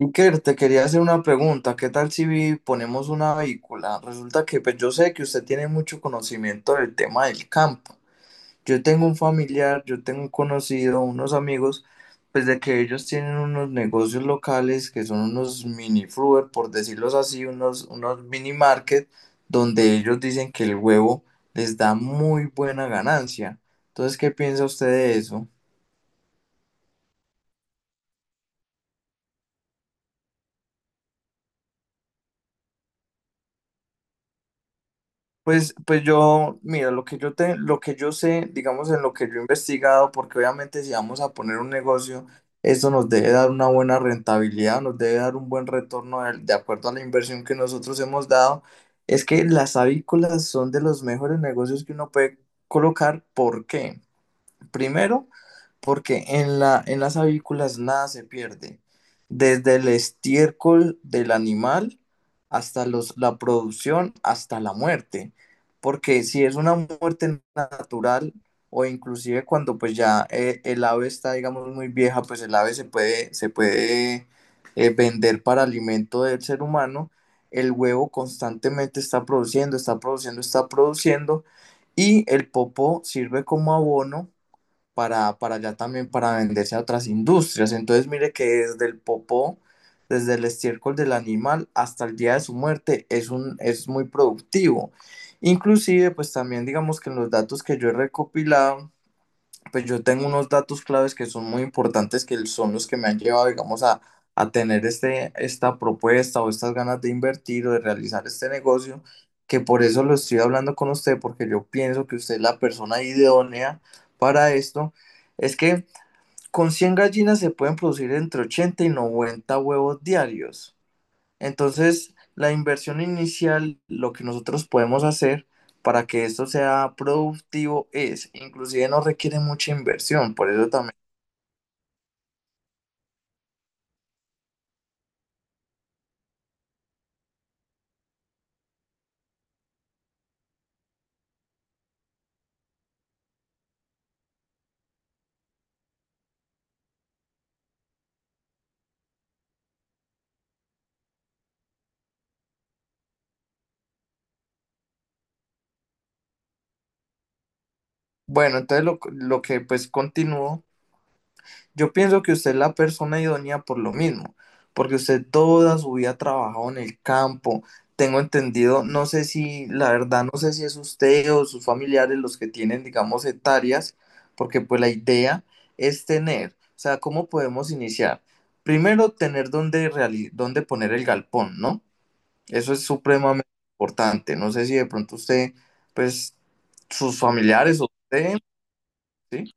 Iker, te quería hacer una pregunta. ¿Qué tal si ponemos una vehícula? Resulta que pues, yo sé que usted tiene mucho conocimiento del tema del campo. Yo tengo un familiar, yo tengo un conocido, unos amigos, pues de que ellos tienen unos negocios locales que son unos mini fruit, por decirlos así, unos mini market, donde ellos dicen que el huevo les da muy buena ganancia. Entonces, ¿qué piensa usted de eso? Pues yo, mira, lo que yo sé, digamos, en lo que yo he investigado, porque obviamente si vamos a poner un negocio, esto nos debe dar una buena rentabilidad, nos debe dar un buen retorno de acuerdo a la inversión que nosotros hemos dado, es que las avícolas son de los mejores negocios que uno puede colocar. ¿Por qué? Primero, porque en las avícolas nada se pierde, desde el estiércol del animal hasta la producción, hasta la muerte, porque si es una muerte natural o inclusive cuando pues ya el ave está, digamos, muy vieja, pues el ave se puede, se puede vender para alimento del ser humano, el huevo constantemente está produciendo, está produciendo, está produciendo, y el popó sirve como abono para allá también para venderse a otras industrias. Entonces, mire que desde el popó, desde el estiércol del animal hasta el día de su muerte es un, es muy productivo. Inclusive, pues también digamos que en los datos que yo he recopilado, pues yo tengo unos datos claves que son muy importantes, que son los que me han llevado, digamos, a tener esta propuesta o estas ganas de invertir o de realizar este negocio, que por eso lo estoy hablando con usted, porque yo pienso que usted es la persona idónea para esto. Es que con 100 gallinas se pueden producir entre 80 y 90 huevos diarios. Entonces, la inversión inicial, lo que nosotros podemos hacer para que esto sea productivo es, inclusive no requiere mucha inversión, por eso también. Bueno, lo que pues continúo. Yo pienso que usted es la persona idónea por lo mismo, porque usted toda su vida ha trabajado en el campo. Tengo entendido, no sé si, la verdad, no sé si es usted o sus familiares los que tienen, digamos, hectáreas, porque pues la idea es tener, o sea, ¿cómo podemos iniciar? Primero, tener dónde, dónde poner el galpón, ¿no? Eso es supremamente importante. No sé si de pronto usted, pues, sus familiares o usted, ¿sí?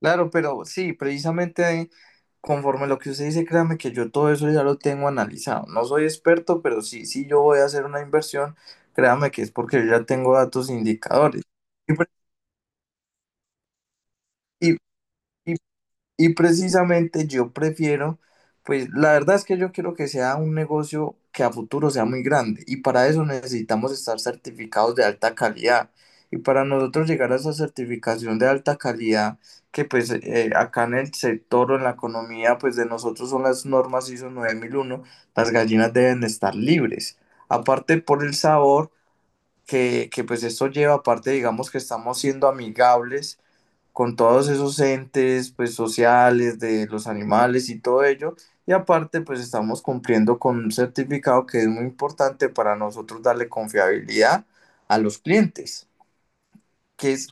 Claro, pero sí, precisamente. Conforme a lo que usted dice, créame que yo todo eso ya lo tengo analizado. No soy experto, pero sí, sí yo voy a hacer una inversión, créame que es porque yo ya tengo datos e indicadores. Y, pre- y- y Y precisamente yo prefiero, pues la verdad es que yo quiero que sea un negocio que a futuro sea muy grande y para eso necesitamos estar certificados de alta calidad. Y para nosotros llegar a esa certificación de alta calidad, que pues acá en el sector o en la economía, pues de nosotros son las normas ISO 9001, las gallinas deben estar libres. Aparte por el sabor que pues esto lleva, aparte digamos que estamos siendo amigables con todos esos entes pues sociales de los animales y todo ello. Y aparte pues estamos cumpliendo con un certificado que es muy importante para nosotros darle confiabilidad a los clientes, que es.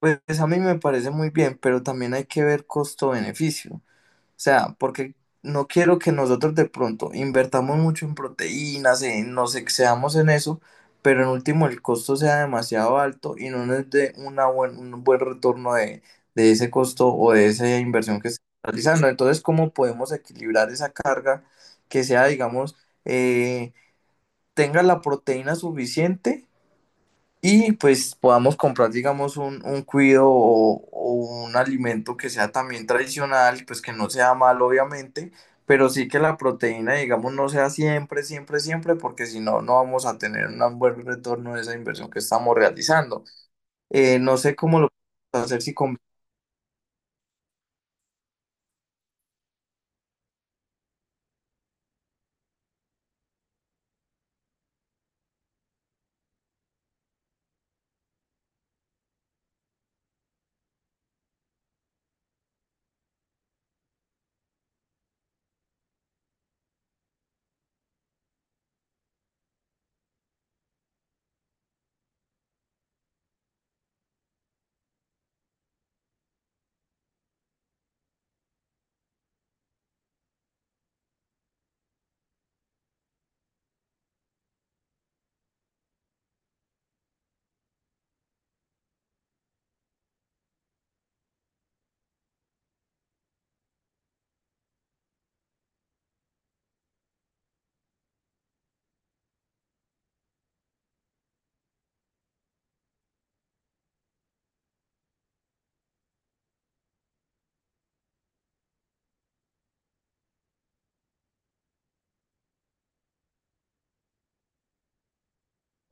Pues a mí me parece muy bien, pero también hay que ver costo-beneficio. Sea, porque no quiero que nosotros de pronto invertamos mucho en proteínas, nos excedamos en eso, pero en último el costo sea demasiado alto y no nos dé un buen retorno de ese costo o de esa inversión que estamos realizando. Entonces, ¿cómo podemos equilibrar esa carga que sea, digamos, eh, tenga la proteína suficiente? Y pues podamos comprar, digamos, un cuido o un alimento que sea también tradicional, pues que no sea malo, obviamente, pero sí que la proteína, digamos, no sea siempre, porque si no, no vamos a tener un buen retorno de esa inversión que estamos realizando. No sé cómo lo podemos hacer si con.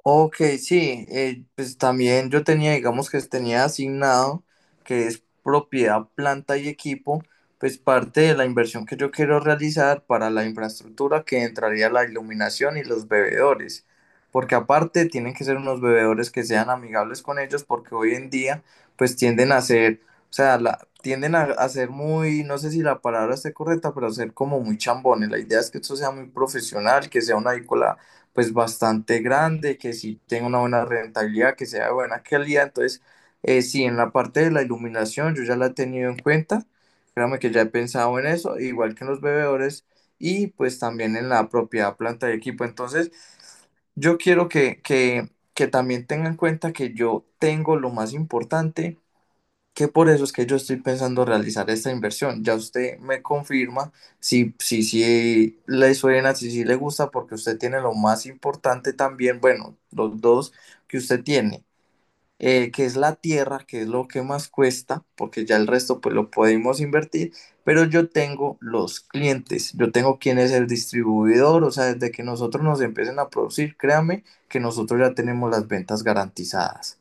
Ok, sí, pues también yo tenía, digamos que tenía asignado, que es propiedad, planta y equipo, pues parte de la inversión que yo quiero realizar para la infraestructura que entraría la iluminación y los bebedores, porque aparte tienen que ser unos bebedores que sean amigables con ellos, porque hoy en día pues tienden a ser, o sea, la, tienden a ser muy, no sé si la palabra esté correcta, pero a ser como muy chambones. La idea es que esto sea muy profesional, que sea una edícula pues bastante grande, que sí tenga una buena rentabilidad, que sea de buena calidad. Entonces, sí, en la parte de la iluminación yo ya la he tenido en cuenta, créame que ya he pensado en eso, igual que en los bebedores y pues también en la propiedad planta de equipo. Entonces, yo quiero que también tengan en cuenta que yo tengo lo más importante, que por eso es que yo estoy pensando realizar esta inversión. Ya usted me confirma si le suena, si le gusta, porque usted tiene lo más importante también, bueno, los dos que usted tiene, que es la tierra, que es lo que más cuesta, porque ya el resto pues lo podemos invertir, pero yo tengo los clientes, yo tengo quién es el distribuidor, o sea, desde que nosotros nos empiecen a producir, créame que nosotros ya tenemos las ventas garantizadas.